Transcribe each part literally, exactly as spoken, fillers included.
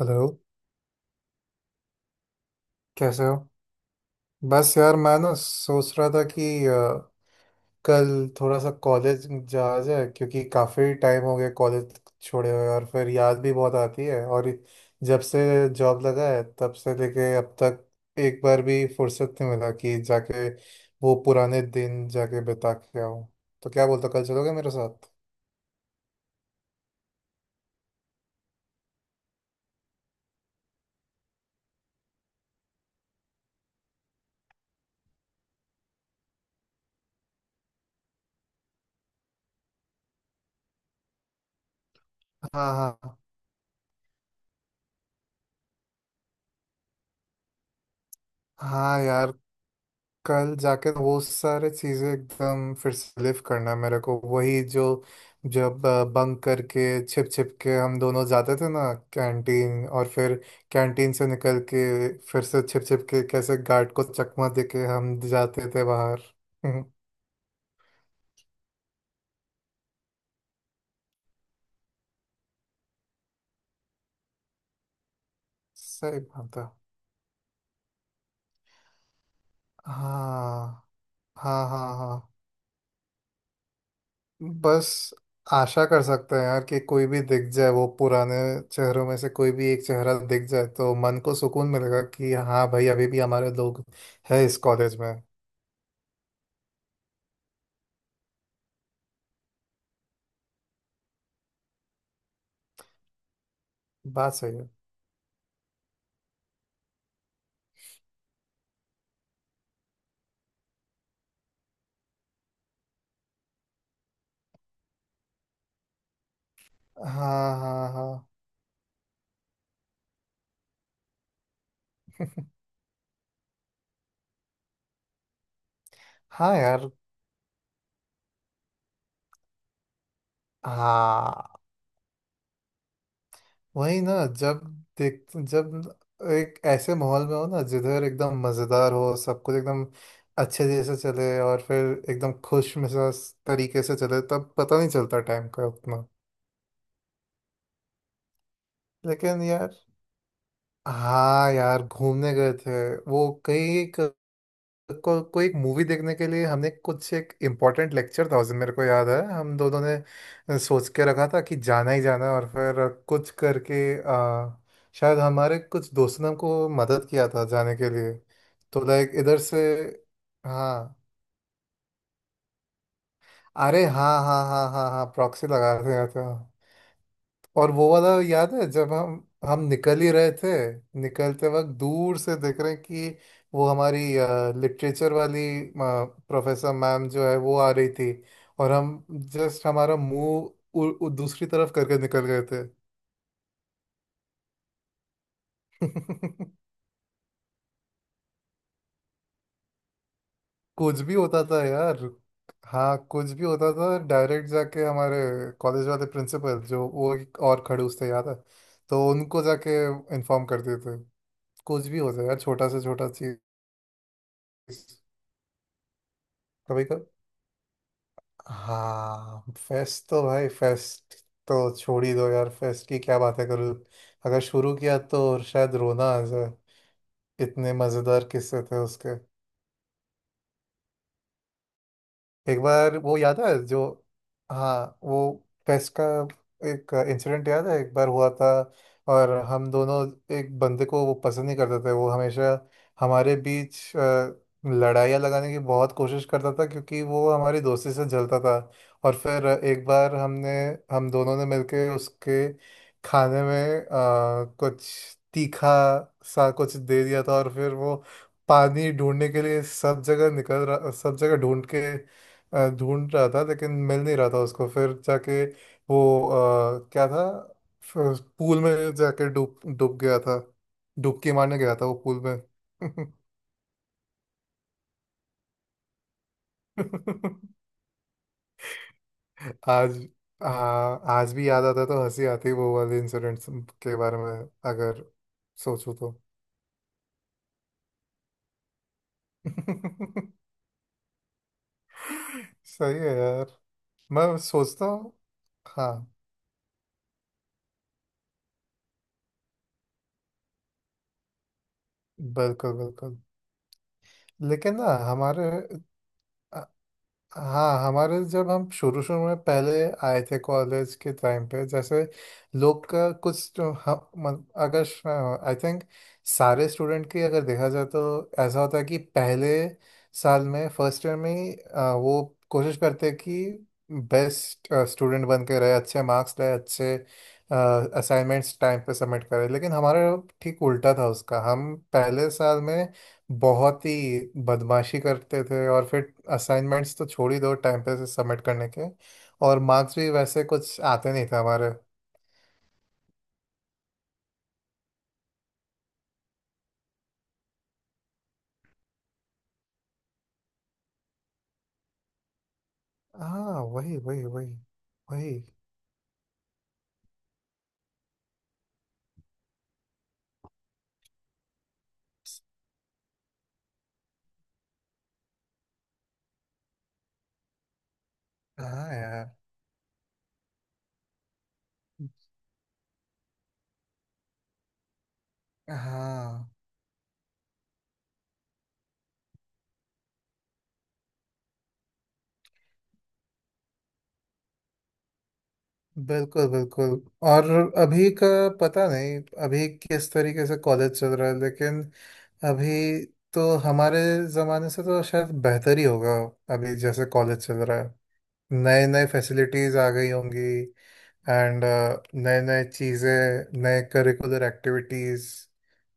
Hello. कैसे हो? बस यार मैं ना सोच रहा था कि अ, कल थोड़ा सा कॉलेज जाया जाए क्योंकि काफ़ी टाइम हो गया कॉलेज छोड़े हुए, और फिर याद भी बहुत आती है। और जब से जॉब लगा है तब से लेके अब तक एक बार भी फुर्सत नहीं मिला कि जाके वो पुराने दिन जाके बिता के आऊँ। तो क्या बोलते हो, कल चलोगे मेरे साथ? हाँ, हाँ, हाँ यार, कल जाके वो सारे चीज़ें एकदम फिर से लिव करना है मेरे को। वही जो, जब बंक करके छिप छिप के हम दोनों जाते थे ना, कैंटीन। और फिर कैंटीन से निकल के फिर से छिप छिप के कैसे गार्ड को चकमा दे के हम जाते थे बाहर। हम्म, सही बात है। हाँ, हाँ, हाँ, हाँ। बस आशा कर सकते हैं यार कि कोई भी दिख जाए, वो पुराने चेहरों में से कोई भी एक चेहरा दिख जाए तो मन को सुकून मिलेगा कि हाँ भाई, अभी भी हमारे लोग हैं इस कॉलेज में। बात सही है। हाँ, हाँ, हाँ, हाँ यार। हाँ, वही ना। जब देख जब एक ऐसे माहौल में हो ना जिधर एकदम मज़ेदार हो सब कुछ, एकदम अच्छे जैसे चले और फिर एकदम खुश मिजाज तरीके से चले, तब पता नहीं चलता टाइम का उतना। लेकिन यार, हाँ यार, घूमने गए थे वो कहीं एक को, कोई एक मूवी देखने के लिए। हमने कुछ, एक इम्पोर्टेंट लेक्चर था उस दिन मेरे को याद है। हम दोनों ने सोच के रखा था कि जाना ही जाना है, और फिर कुछ करके, आ, शायद हमारे कुछ दोस्तों ने हमको मदद किया था जाने के लिए। तो लाइक इधर से, हाँ, अरे हाँ, हाँ, हाँ, हाँ, हाँ, प्रॉक्सी लगा रहे थे। और वो वाला याद है जब हम हम निकल ही रहे थे, निकलते वक्त दूर से देख रहे हैं कि वो हमारी लिटरेचर वाली प्रोफेसर मैम जो है वो आ रही थी, और हम जस्ट हमारा मुंह उ- उ- दूसरी तरफ करके निकल गए थे। कुछ भी होता था यार। हाँ, कुछ भी होता था। डायरेक्ट जाके हमारे कॉलेज वाले प्रिंसिपल, जो वो एक और खड़ूस थे याद है, तो उनको जाके इन्फॉर्म कर देते कुछ भी हो जाए यार, छोटा से छोटा चीज। कभी कभी, हाँ, फेस्ट तो भाई, फेस्ट तो छोड़ ही दो यार। फेस्ट की क्या बातें करूँ, अगर शुरू किया तो शायद रोना आ जाए। इतने मजेदार किस्से थे उसके। एक बार वो याद है जो, हाँ, वो टेस्ट का एक इंसिडेंट याद है, एक बार हुआ था। और हम दोनों, एक बंदे को वो पसंद नहीं करते थे, वो हमेशा हमारे बीच अ, लड़ाइयाँ लगाने की बहुत कोशिश करता था क्योंकि वो हमारी दोस्ती से जलता था। और फिर एक बार हमने, हम दोनों ने मिलके उसके खाने में अ, कुछ तीखा सा कुछ दे दिया था। और फिर वो पानी ढूंढने के लिए सब जगह निकल रहा, सब जगह ढूंढ के अ, ढूंढ रहा था लेकिन मिल नहीं रहा था उसको। फिर जाके वो, अ, क्या था, फ- पूल में जाके डूब डूब गया था। डुबकी मारने गया था वो पूल में। आज, आ, आज भी याद आता है तो हंसी आती है वो वाले इंसिडेंट्स के बारे में, अगर सोचूं तो। सही है यार। मैं सोचता हूँ, हाँ, बिल्कुल बिल्कुल। लेकिन ना हमारे, हाँ हमारे, जब हम शुरू शुरू में पहले आए थे कॉलेज के टाइम पे, जैसे लोग का कुछ तो हम, मन- अगर, आई थिंक सारे स्टूडेंट की अगर देखा जाए तो ऐसा होता है कि पहले साल में, फर्स्ट ईयर में ही अ, वो कोशिश करते हैं कि बेस्ट स्टूडेंट बन के रहे, अच्छे मार्क्स लाए, अच्छे असाइनमेंट्स टाइम पे सबमिट करें। लेकिन हमारा ठीक उल्टा था उसका। हम पहले साल में बहुत ही बदमाशी करते थे और फिर असाइनमेंट्स तो छोड़ ही दो टाइम पे से सबमिट करने के, और मार्क्स भी वैसे कुछ आते नहीं थे हमारे। हाँ, वही, वही, वही, वही। हाँ यार। हाँ, बिल्कुल बिल्कुल। और अभी का पता नहीं, अभी किस तरीके से कॉलेज चल रहा है लेकिन, अभी तो हमारे ज़माने से तो शायद बेहतर ही होगा अभी जैसे कॉलेज चल रहा है। नए नए फैसिलिटीज़ आ गई होंगी, एंड नए नए चीज़ें, नए करिकुलर एक्टिविटीज़,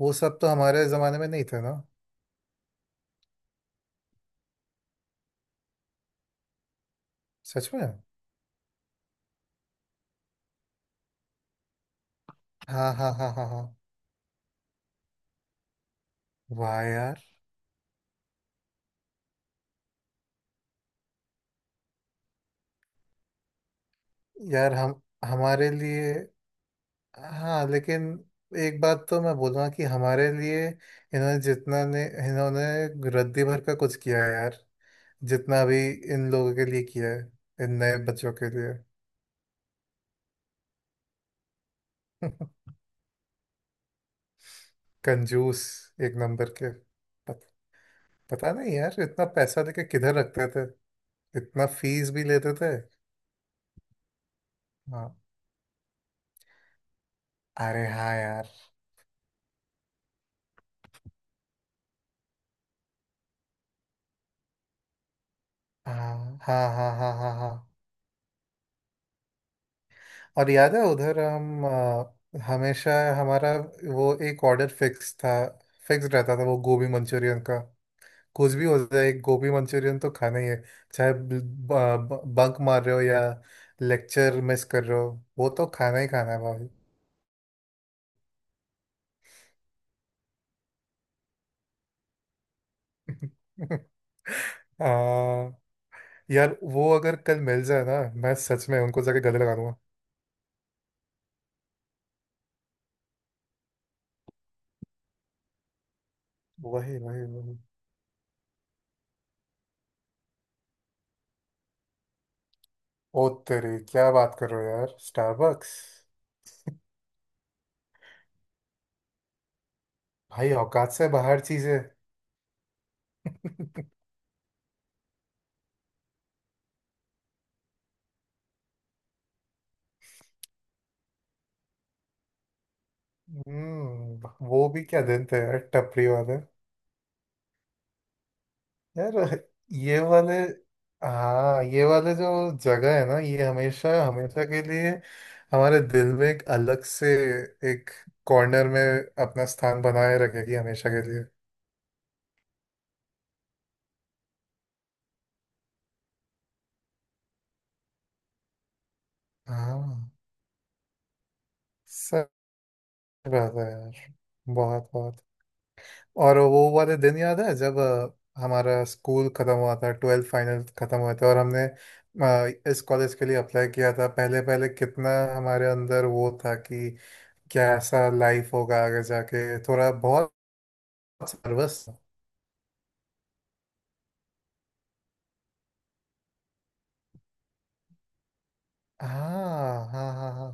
वो सब तो हमारे ज़माने में नहीं थे ना। सच में। हाँ, हाँ, हाँ, हाँ, हाँ। वाह यार। यार हम हमारे लिए, हाँ लेकिन एक बात तो मैं बोलूँगा कि हमारे लिए इन्होंने जितना ने इन्होंने रद्दी भर का कुछ किया है यार, जितना भी इन लोगों के लिए किया है, इन नए बच्चों के लिए। कंजूस एक नंबर के, पत, पता नहीं यार इतना पैसा लेके किधर रखते थे, इतना फीस भी लेते थे। हाँ, अरे हाँ यार। हाँ, हाँ, हाँ, हाँ, हाँ, हाँ। और याद है उधर हम, अ, हमेशा हमारा वो एक ऑर्डर फिक्स था, फिक्स रहता था, वो गोभी मंचूरियन का। कुछ भी हो जाए एक गोभी मंचूरियन तो खाना ही है, चाहे बंक मार रहे हो या लेक्चर मिस कर रहे हो। वो तो खाना ही खाना है भाई। हाँ यार, वो अगर कल मिल जाए ना, मैं सच में उनको जाके गले लगा दूंगा। वही, वही, वही। ओ तेरी, क्या बात कर रहे हो यार, स्टारबक्स! भाई, औकात से बाहर चीजें। हम्म, वो भी क्या दिन थे यार टपरी वाले। यार ये वाले, हाँ ये वाले, जो जगह है ना, ये हमेशा हमेशा के लिए हमारे दिल में एक अलग से, एक कॉर्नर में अपना स्थान बनाए रखेगी हमेशा के लिए। हाँ, सच बात है यार। बहुत, बहुत। और वो वाले दिन याद है जब, अ, हमारा स्कूल खत्म हुआ था, ट्वेल्थ फाइनल खत्म हुए थे और हमने अ, इस कॉलेज के लिए अप्लाई किया था। पहले पहले कितना हमारे अंदर वो था कि कैसा लाइफ होगा आगे जाके, थोड़ा बहुत सर्वस। हाँ, हाँ, हाँ, हाँ।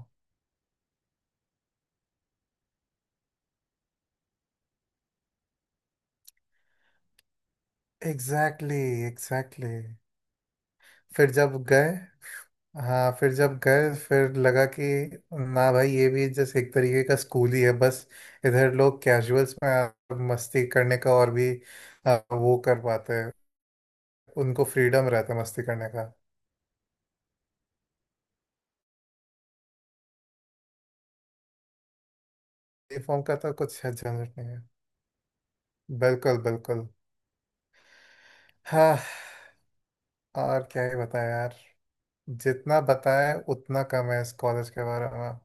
Exactly, exactly. फिर जब गए, हाँ फिर जब गए, फिर लगा कि ना भाई, ये भी जैसे एक तरीके का स्कूल ही है। बस इधर लोग कैजुअल्स में आ- मस्ती करने का और भी, आ, वो कर पाते हैं। उनको फ्रीडम रहता है मस्ती करने का। यूनिफॉर्म का तो कुछ झंझट नहीं है। बिल्कुल बिल्कुल। हाँ। और क्या ही बताएं यार, जितना बताएं उतना कम है इस कॉलेज के बारे में।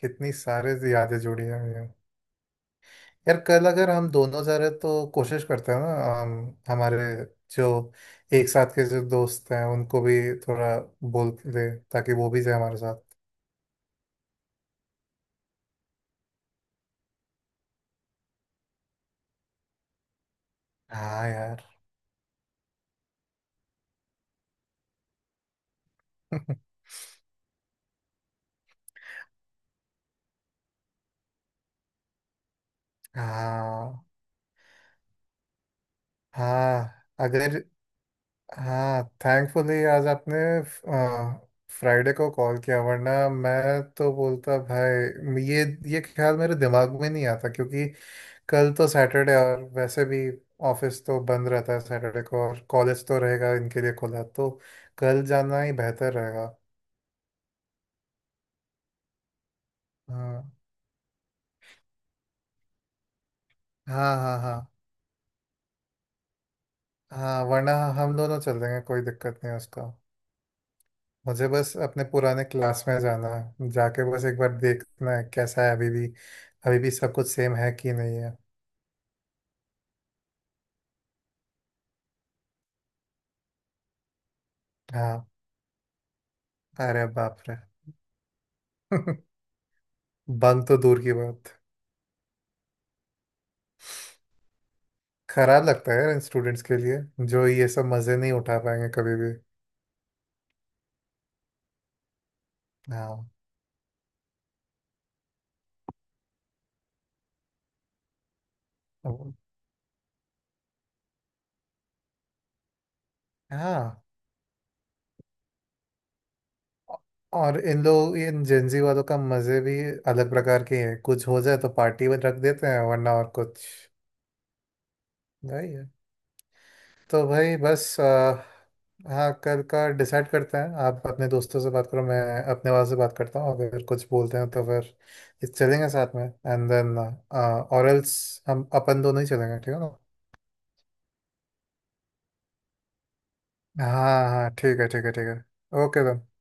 कितनी सारी यादें जुड़ी हैं। यार कल अगर हम दोनों जा रहे तो कोशिश करते हैं ना, हम, हमारे जो एक साथ के जो दोस्त हैं उनको भी थोड़ा बोल दे ताकि वो भी जाए हमारे साथ। हाँ यार। हाँ, हाँ, अगर हाँ, थैंकफुली आज आपने फ्राइडे को कॉल किया, वरना मैं तो बोलता भाई ये ये ख्याल मेरे दिमाग में नहीं आता क्योंकि कल तो सैटरडे और वैसे भी ऑफिस तो बंद रहता है सैटरडे को, और कॉलेज तो रहेगा इनके लिए खुला। तो कल जाना ही बेहतर रहेगा। हाँ, हाँ, हाँ, हाँ, हाँ। वरना हम दोनों चल देंगे, कोई दिक्कत नहीं है उसका। मुझे बस अपने पुराने क्लास में जाना है, जाके बस एक बार देखना है कैसा है अभी भी, अभी भी सब कुछ सेम है कि नहीं है। हाँ। अरे बाप रे। बंद तो दूर की बात, खराब लगता है यार इन स्टूडेंट्स के लिए जो ये सब मजे नहीं उठा पाएंगे कभी भी। हाँ। अब- हाँ, और इन लोग, इन जेंजी वालों का मजे भी अलग प्रकार के हैं। कुछ हो जाए तो पार्टी में रख देते हैं, वरना और कुछ। यही है। तो भाई बस, आ, हाँ, कल का डिसाइड करते हैं। आप अपने दोस्तों से बात करो, मैं अपने वाले से बात करता हूँ। अगर कुछ बोलते हैं तो फिर ये चलेंगे साथ में, एंड देन, और एल्स, हम अपन दोनों ही चलेंगे। ठीक है ना? हाँ, हाँ, ठीक है, ठीक है, ठीक है, ओके देन।